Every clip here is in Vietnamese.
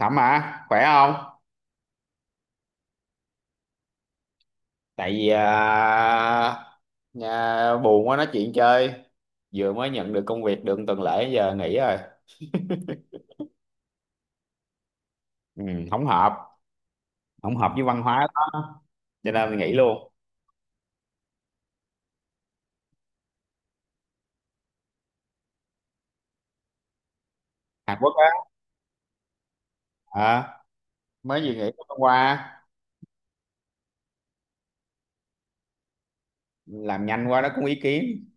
Thẩm à, khỏe không? Tại vì à, nhà buồn quá nói chuyện chơi. Vừa mới nhận được công việc được một tuần lễ giờ nghỉ rồi. Ừ, không hợp, không hợp với văn hóa đó. Cho nên mình nghỉ luôn. Hàn Quốc á, à, mới vừa nghỉ hôm qua, làm nhanh quá nó cũng ý kiến,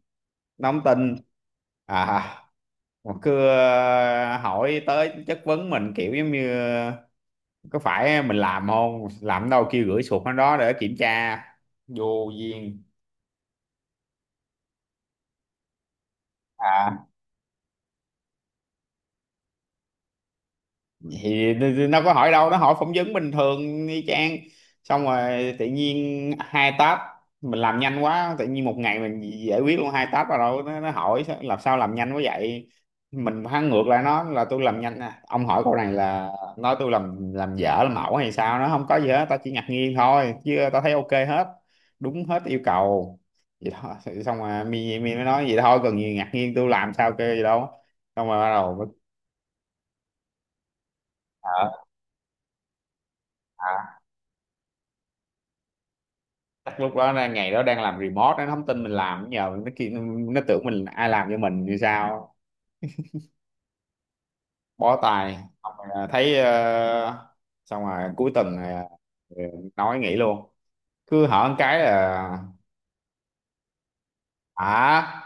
nó không tin. À, mà cứ hỏi tới chất vấn mình kiểu giống như có phải mình làm không? Làm đâu kêu gửi sụt nó đó để kiểm tra. Vô duyên. À, thì nó có hỏi đâu, nó hỏi phỏng vấn bình thường y chang, xong rồi tự nhiên hai tab mình làm nhanh quá, tự nhiên một ngày mình giải quyết luôn hai tab rồi, đâu nó hỏi làm sao làm nhanh quá vậy. Mình hắn ngược lại nó là tôi làm nhanh à. Ông hỏi câu này là nói tôi làm dở làm ẩu hay sao? Nó không có gì hết, tao chỉ ngạc nhiên thôi chứ tao thấy ok hết, đúng hết yêu cầu, vậy thôi. Xong rồi mi mi mới nói vậy thôi cần gì ngạc nhiên, tôi làm sao kêu gì đâu. Xong rồi bắt đầu à, à, chắc lúc đó là ngày đó đang làm remote, nó không tin mình làm, nhờ nó kia nó tưởng mình ai làm cho mình như sao. Bó tay. Xong rồi, thấy xong rồi cuối tuần ờ, nói nghỉ luôn. Cứ hỏi một cái là hả,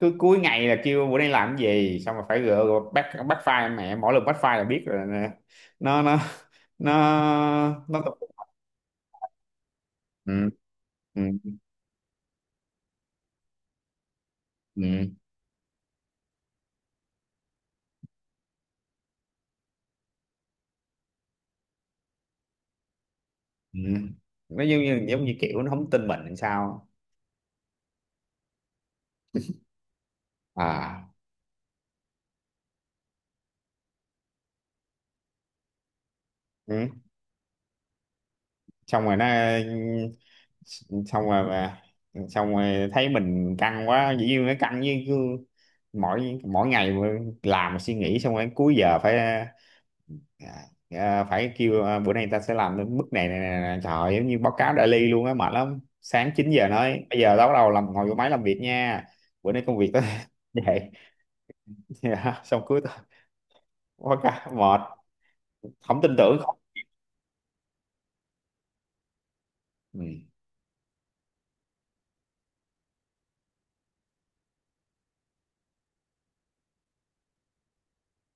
cứ cuối ngày là kêu bữa nay làm cái gì, xong rồi phải gỡ gỡ back back file mẹ, mỗi lần back file là biết rồi nè. nó nó nó nó tập- ừ. Ừ. Ừ. Ừ. Nó giống như kiểu nó không tin mình làm sao. À, ừ. Xong rồi xong rồi xong rồi thấy mình căng quá, dĩ nhiên nó căng với cứ mỗi mỗi ngày mà làm suy nghĩ, xong rồi cuối giờ phải phải kêu bữa nay ta sẽ làm đến bước này, này, này, này. Trời ơi, giống như báo cáo daily luôn á, mệt lắm. Sáng 9 giờ nói bây giờ tao bắt đầu làm, ngồi vô máy làm việc nha, bữa nay công việc tao vậy. Dạ, xong cuối tuần quá cả mệt, không tin tưởng không. Ừ.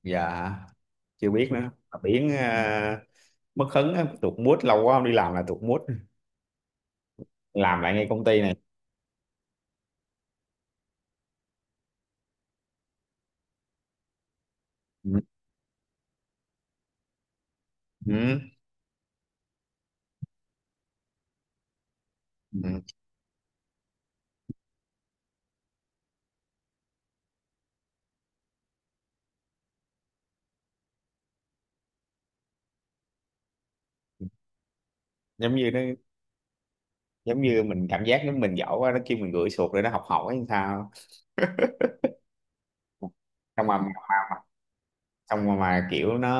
Dạ, chưa biết nữa mà biển mất hứng á, tụt mood, lâu quá không đi làm là tụt mood. Làm lại ngay công ty này. Ừ. Ừ. Ừ. Giống như nó giống như mình cảm giác giống mình giỏi quá, nó kêu mình gửi sụt rồi nó học hỏi hay sao. Xong mà xong mà kiểu nó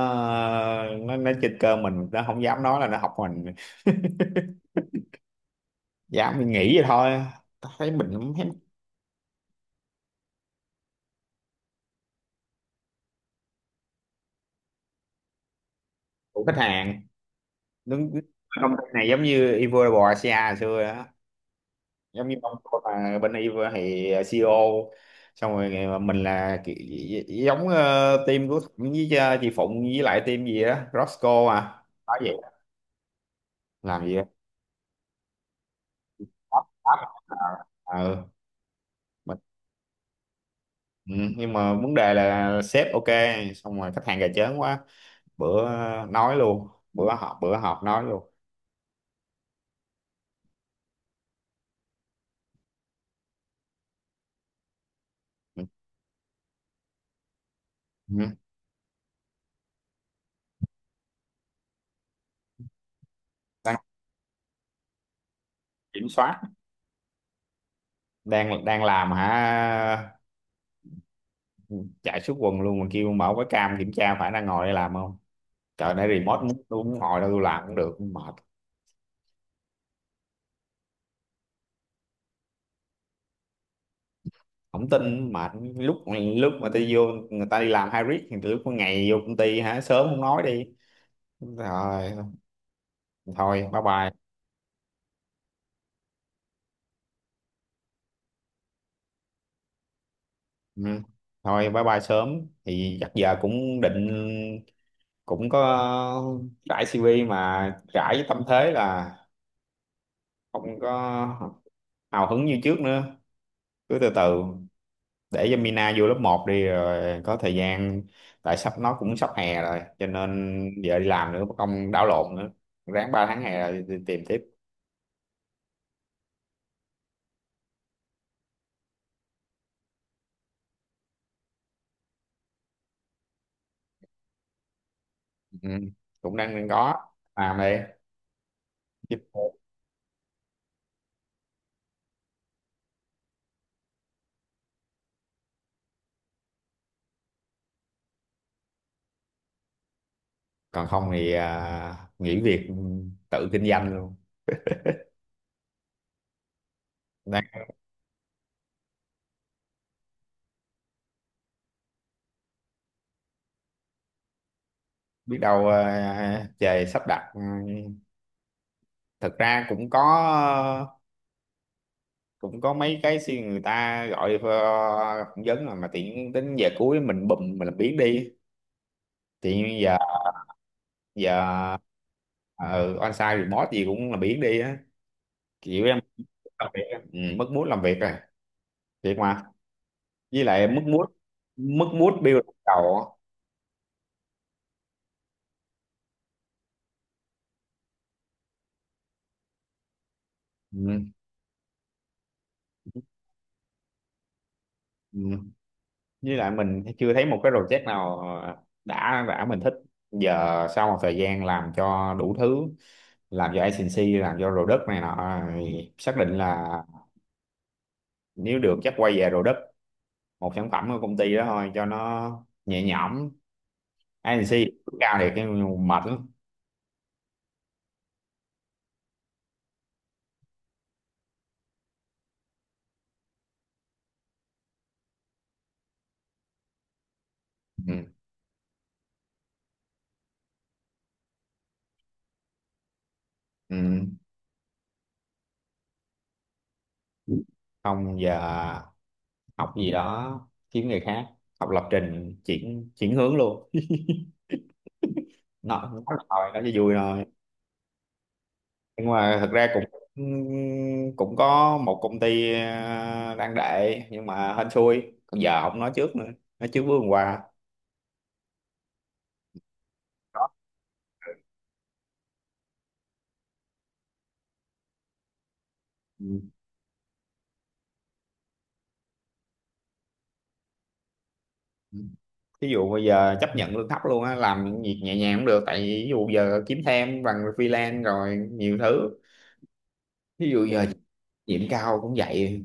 nó trên cơ mình, nó không dám nói là nó học mình, dám mình nghĩ vậy thôi. Tao thấy mình không thấy của khách hàng, đúng. Công ty này giống như Ivor Bò Asia hồi xưa á, giống như ông tôi mà bên y thì CEO. Xong rồi mà mình là giống team của Thịnh với chị Phụng với lại team gì đó Roscoe à nói vậy, làm gì đó. Ờ, ừ. Mình, ừ. Nhưng mà vấn đề là sếp ok, xong rồi khách hàng gà chớn quá. Bữa nói luôn, bữa họp nói luôn. Ừ. Ừ. Đang kiểm soát, đang đang làm hả, chạy suốt quần luôn mà kêu mở cái cam kiểm tra phải đang ngồi đây làm không. Trời nay remote muốn tôi muốn ngồi đâu tôi làm cũng được, mệt. Không tin, mà lúc lúc mà tôi vô người ta đi làm hybrid thì từ lúc có ngày vô công ty hả, sớm không nói đi rồi. Thôi bye bye. Ừ. Thôi bye bye sớm, thì chắc giờ cũng định cũng có rải CV mà, rải với tâm thế là không có hào hứng như trước nữa, cứ từ từ. Để cho Mina vô lớp một đi rồi có thời gian, tại sắp nó cũng sắp hè rồi cho nên giờ đi làm nữa mà không đảo lộn nữa, ráng 3 tháng hè rồi thì tìm tiếp. Ừ. Cũng đang đang có làm đây. Chứ còn không thì nghỉ việc tự kinh doanh luôn. Đang biết đâu trời sắp đặt. Ừ. Thực ra cũng có, cũng có mấy cái suy người ta gọi phỏng vấn rồi, mà tiện tính giờ cuối mình bùm mình làm biến đi. Thì giờ giờ ờ on-site thì boss gì cũng là biển đi á, kiểu em làm việc á. Ừ, mất mút làm việc rồi, thiệt mà. Với lại mất mút, mất mút build đầu á. Ừ, ừ. Với lại mình chưa thấy một cái project nào đã mình thích. Giờ sau một thời gian làm cho đủ thứ, làm cho agency, làm cho product này nọ thì xác định là nếu được chắc quay về product, một sản phẩm của công ty đó thôi cho nó nhẹ nhõm. Agency cao thiệt nhưng mà mệt lắm. Ừ, ừ. Không giờ học gì đó kiếm nghề khác, học lập trình chuyển chuyển hướng luôn. Nó nói là thôi nó cho vui thôi nhưng mà thật ra cũng cũng có một công ty đang đệ nhưng mà hên xui, còn giờ không nói trước nữa, nói trước bước hôm qua. Đó. Ừ. Ví dụ bây giờ chấp nhận lương thấp luôn á, làm những việc nhẹ nhàng cũng được, tại vì ví dụ giờ kiếm thêm bằng freelance rồi nhiều thứ, ví dụ giờ điểm cao cũng vậy.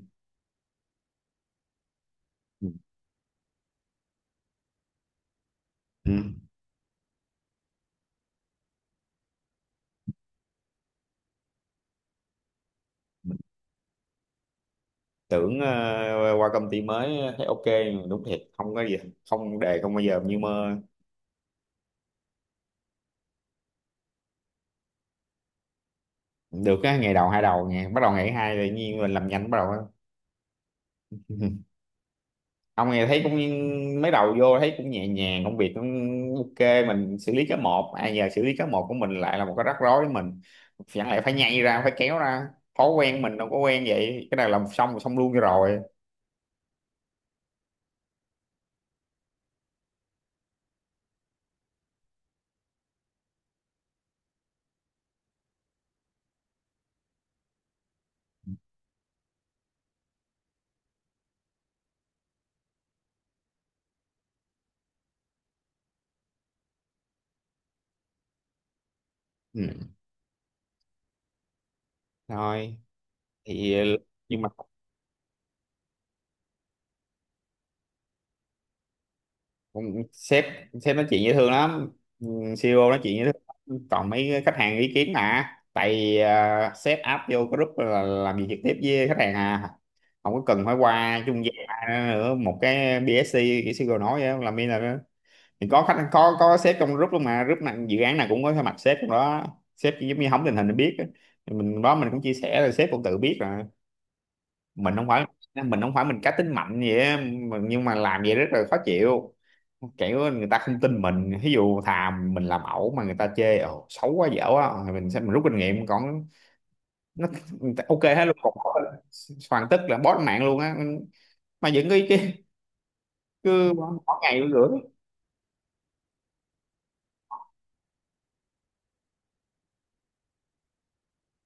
Ừ. Tưởng qua công ty mới thấy ok đúng thiệt, không có gì không đề không bao giờ như mơ. Được á ngày đầu hai đầu nghe bắt đầu, ngày thứ hai tự nhiên mình làm nhanh bắt đầu á. Ông nghe thấy cũng mấy đầu vô thấy cũng nhẹ nhàng, công việc cũng ok, mình xử lý cái một. Ai giờ xử lý cái một của mình lại là một cái rắc rối với mình, chẳng lẽ phải nhây ra phải kéo ra. Thói quen mình đâu có quen vậy, cái này làm xong là xong luôn cho rồi. Ừ. Thôi thì nhưng mà sếp sếp nói chuyện dễ thương lắm. Ừ, CEO nói chuyện dễ thương lắm. Còn mấy khách hàng ý kiến mà tại vì sếp áp vô group là làm gì trực tiếp với khách hàng à, không có cần phải qua trung gian ai nữa, một cái BSC cái CEO nói vậy làm như là, thì có khách có sếp trong group luôn, mà group này dự án nào cũng có mặt sếp trong đó. Sếp chỉ giống như hóng tình hình để biết á. Thì mình đó mình cũng chia sẻ rồi, sếp cũng tự biết rồi. Mình không phải mình cá tính mạnh vậy á, nhưng mà làm vậy rất là khó chịu, kiểu người ta không tin mình. Ví dụ thà mình làm ẩu mà người ta chê ồ xấu quá dở quá, rồi mình sẽ mình rút kinh nghiệm. Còn nó ok hết luôn hoàn tất là bó mạng luôn á, mà vẫn cứ cứ, cứ bỏ bỏ ngày luôn nữa.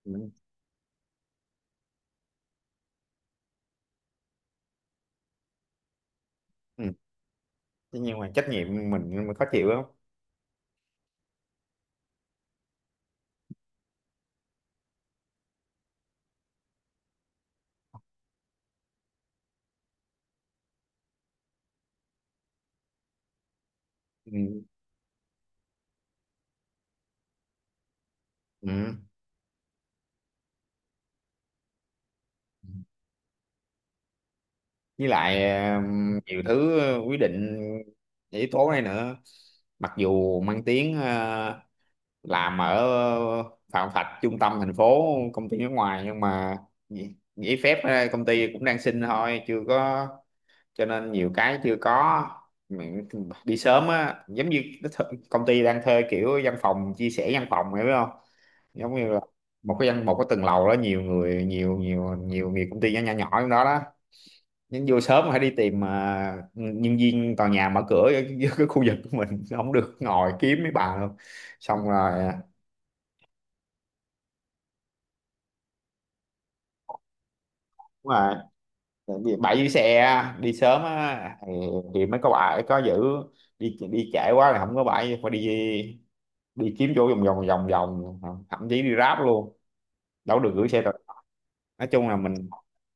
Ừ. Ừ. Thế nhưng mà trách nhiệm mình mới khó chịu lắm. Ừ. Ừ. Với lại nhiều thứ quyết định yếu tố này nữa. Mặc dù mang tiếng làm ở Phạm Thạch trung tâm thành phố, công ty nước ngoài nhưng mà giấy phép công ty cũng đang xin thôi chưa có, cho nên nhiều cái chưa có. Mình đi sớm á giống như cái công ty đang thuê kiểu văn phòng chia sẻ văn phòng hiểu không, giống như là một cái một cái tầng lầu đó nhiều người nhiều nhiều nhiều nhiều công ty nhỏ nhỏ nhỏ trong đó đó. Nhưng vô sớm phải đi tìm nhân viên tòa nhà mở cửa ở cái khu vực của mình, không được ngồi kiếm mấy bà luôn. Xong rồi đúng rồi. Tại vì bãi giữ xe đi sớm á thì mới có bãi có giữ, đi đi trễ quá là không có bãi phải đi đi kiếm chỗ vòng vòng vòng vòng, thậm chí đi Grab luôn, đâu được gửi xe rồi. Nói chung là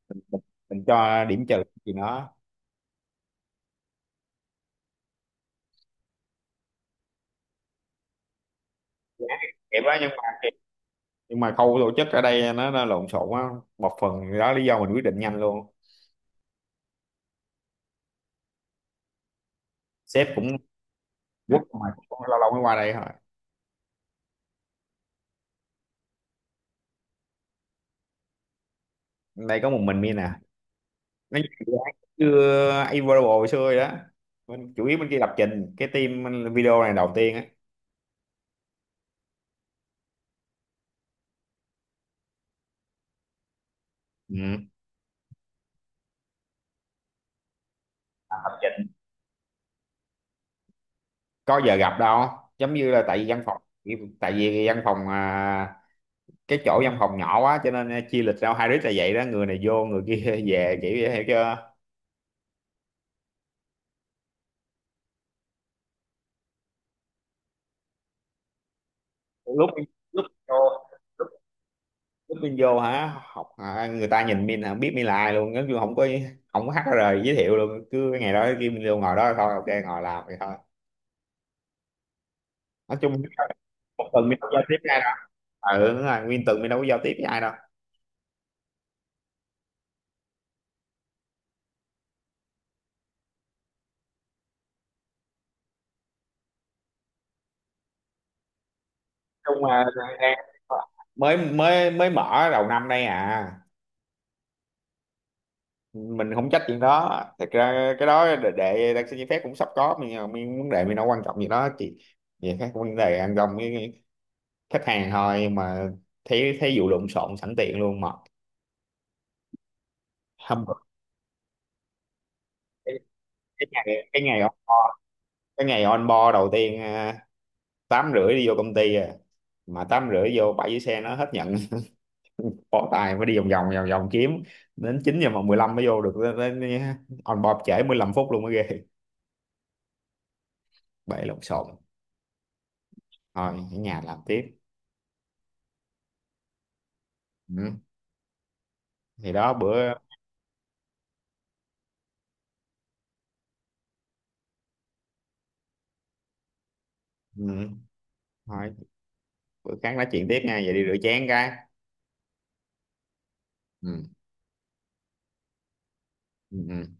mình, mình, mình cho điểm trừ thì nó kịp á. Nhưng mà nhưng mà khâu tổ chức ở đây nó lộn xộn á, một phần đó lý do mình quyết định nhanh luôn. Sếp cũng quốc mà cũng lâu lâu mới qua đây thôi. Đây có một mình mi nè, nó chưa Available xưa rồi đó. Mình chủ yếu bên kia lập trình, cái team video này đầu tiên á. Ừ. Lập trình có giờ gặp đâu, giống như là tại vì văn phòng cái chỗ văn phòng nhỏ quá cho nên chia lịch ra hai đứa là vậy đó, người này vô người kia về kiểu vậy hiểu chưa. Lúc lúc vô lúc, Lúc mình vô hả học người ta nhìn mình không biết mình là ai luôn, giống như không có không có hát HR giới thiệu luôn, cứ ngày đó kia mình vô ngồi đó thôi, ok ngồi làm vậy thôi. Nói chung một tuần mình đâu giao tiếp với ai đâu. Ừ đúng rồi, nguyên tuần mình đâu có giao tiếp với ai đâu nói chung là đang mới mới mới mở đầu năm đây à. Mình không trách chuyện đó thật ra, cái đó để đặc xin giấy phép cũng sắp có, mình vấn đề mình đâu quan trọng gì đó chị, về các vấn đề ăn gông với khách hàng thôi, nhưng mà thấy thấy vụ lộn xộn sẵn tiện luôn mà. Hôm bữa- cái, cái ngày Cái ngày on board, cái ngày on board đầu tiên à, tám rưỡi đi vô công ty à, mà tám rưỡi vô bãi dưới xe nó hết nhận, bỏ tài phải đi vòng vòng vòng vòng kiếm, đến 9 giờ mà 15 mới vô được. Đến, đến, On board trễ 15 phút luôn mới ghê. Bể lộn xộn thôi, ở nhà làm tiếp. Ừ. Thì đó bữa. Ừ. Thôi bữa khác nói chuyện tiếp nha, vậy đi rửa chén cái. Ừ. Ừ. Ừ.